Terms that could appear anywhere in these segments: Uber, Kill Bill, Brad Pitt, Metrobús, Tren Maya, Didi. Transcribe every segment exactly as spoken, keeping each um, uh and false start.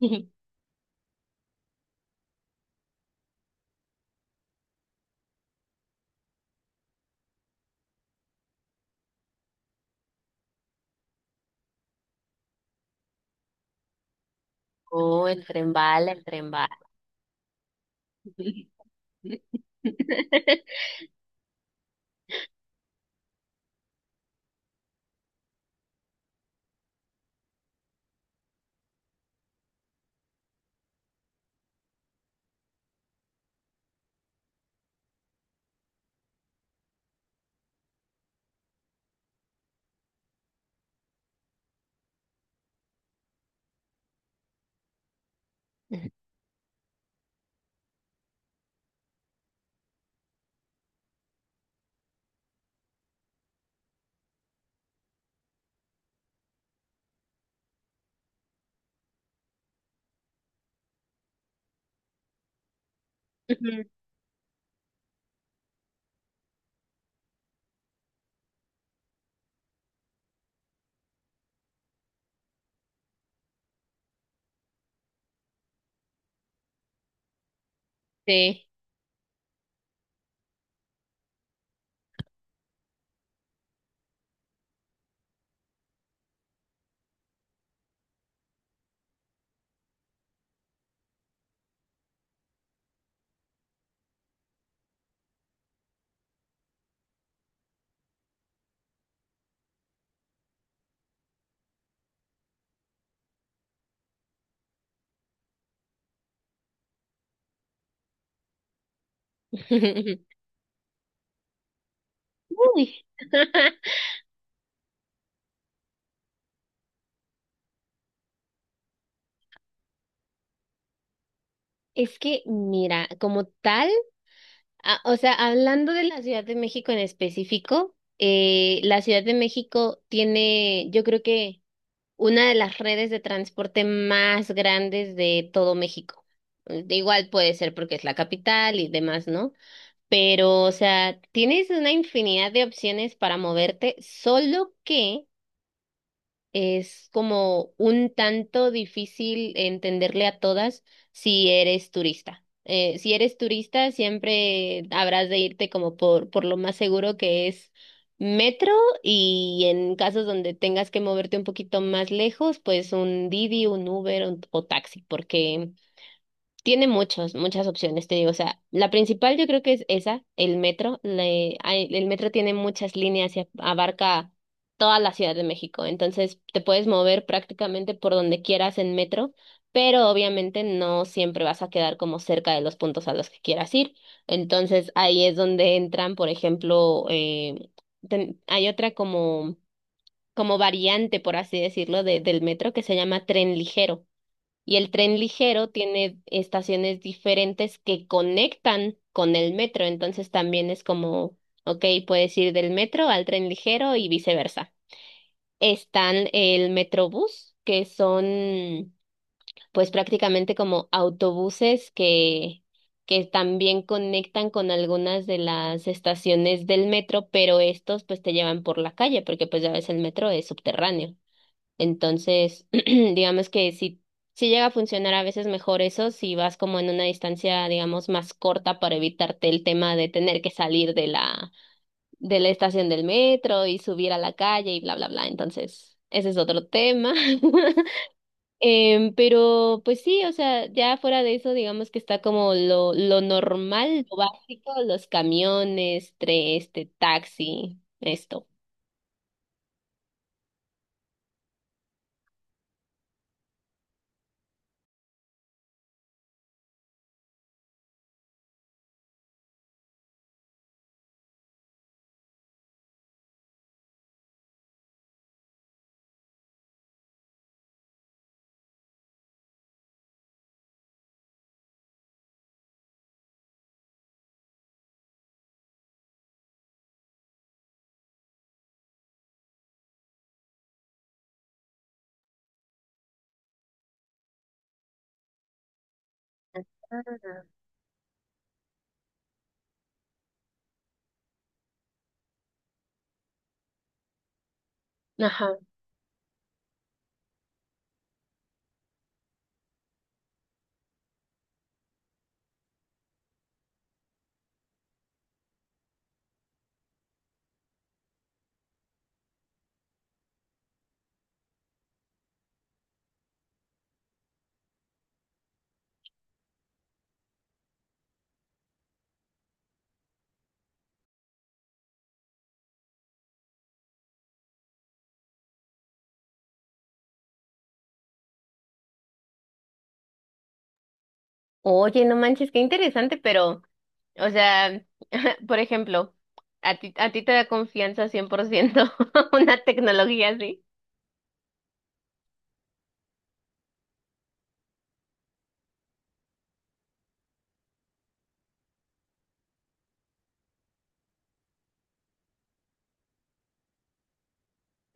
Oh, el tren bala, el tren bala. Sí. Uy. Es que, mira, como tal, a- o sea, hablando de la Ciudad de México en específico, eh, la Ciudad de México tiene, yo creo que una de las redes de transporte más grandes de todo México. Eh, Igual puede ser porque es la capital y demás, ¿no? Pero, o sea, tienes una infinidad de opciones para moverte, solo que es como un tanto difícil entenderle a todas si eres turista. Eh, si eres turista, siempre habrás de irte como por, por lo más seguro, que es metro, y en casos donde tengas que moverte un poquito más lejos, pues un Didi, un Uber un- o taxi, porque tiene muchos, muchas opciones, te digo. O sea, la principal yo creo que es esa, el metro. Le- hay- el metro tiene muchas líneas y abarca toda la Ciudad de México. Entonces, te puedes mover prácticamente por donde quieras en metro, pero obviamente no siempre vas a quedar como cerca de los puntos a los que quieras ir. Entonces, ahí es donde entran, por ejemplo, eh, ten- hay otra como, como variante, por así decirlo, de- del metro, que se llama tren ligero. Y el tren ligero tiene estaciones diferentes que conectan con el metro, entonces también es como, ok, puedes ir del metro al tren ligero y viceversa. Están el Metrobús, que son pues prácticamente como autobuses que, que también conectan con algunas de las estaciones del metro, pero estos pues te llevan por la calle, porque pues ya ves el metro es subterráneo. Entonces, digamos que si, si llega a funcionar a veces mejor eso, si vas como en una distancia, digamos, más corta, para evitarte el tema de tener que salir de la, de la estación del metro y subir a la calle y bla, bla, bla. Entonces, ese es otro tema. Em, pero pues sí, o sea, ya fuera de eso, digamos que está como lo, lo normal, lo básico, los camiones, tre- este, taxi, esto. Ajá. Oye, no manches, qué interesante, pero, o sea, por ejemplo, ¿a ti, a ti te da confianza cien por ciento una tecnología así?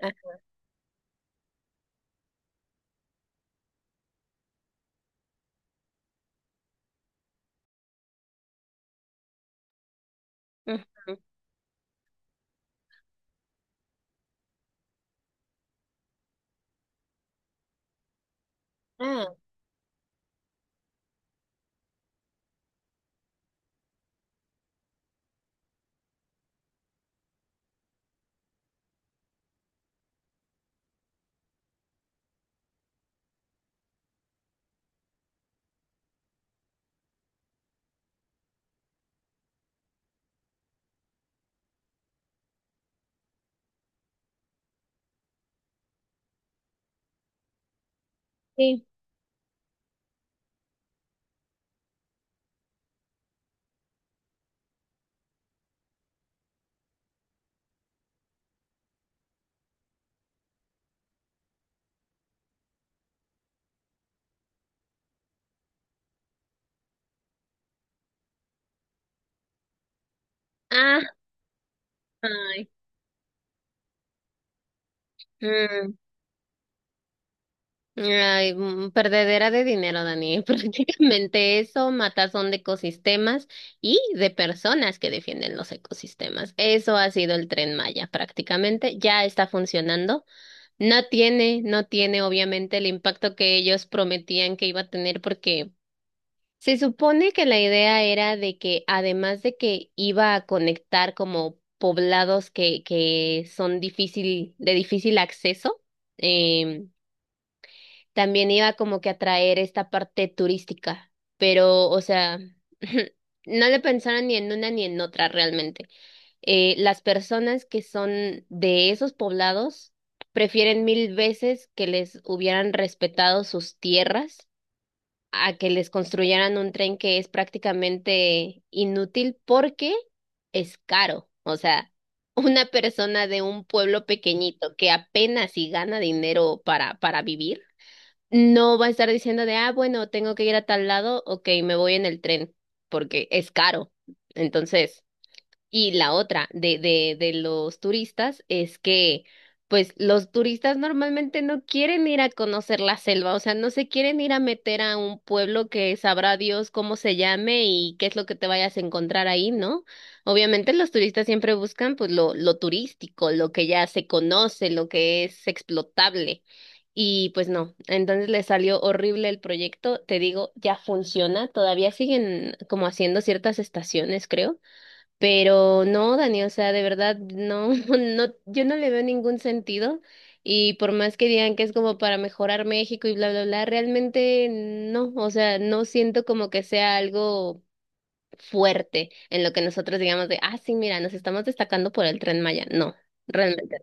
Ah, ujú. Ah, sí. Ah, ay, mm, ay, mm, perdedera de dinero, Dani. Prácticamente eso, matazón de ecosistemas y de personas que defienden los ecosistemas. Eso ha sido el Tren Maya, prácticamente. Ya está funcionando. No tiene, no tiene obviamente el impacto que ellos prometían que iba a tener, porque se supone que la idea era de que, además de que iba a conectar como poblados que, que son difícil, de difícil acceso, em, también iba como que a traer esta parte turística, pero o sea, no le pensaron ni en una ni en otra realmente. Eh, las personas que son de esos poblados prefieren mil veces que les hubieran respetado sus tierras a que les construyeran un tren que es prácticamente inútil porque es caro. O sea, una persona de un pueblo pequeñito que apenas si gana dinero para, para vivir, no va a estar diciendo de, ah, bueno, tengo que ir a tal lado, ok, me voy en el tren porque es caro. Entonces... Y la otra de, de, de los turistas es que, pues, los turistas normalmente no quieren ir a conocer la selva, o sea, no se quieren ir a meter a un pueblo que sabrá Dios cómo se llame y qué es lo que te vayas a encontrar ahí, ¿no? Obviamente los turistas siempre buscan, pues, lo, lo turístico, lo que ya se conoce, lo que es explotable. Y pues no, entonces le salió horrible el proyecto, te digo, ya funciona, todavía siguen como haciendo ciertas estaciones, creo, pero no, Dani, o sea, de verdad, no, no, yo no le veo ningún sentido. Y por más que digan que es como para mejorar México y bla, bla, bla, realmente no, o sea, no siento como que sea algo fuerte en lo que nosotros digamos de, ah, sí, mira, nos estamos destacando por el Tren Maya. No, realmente.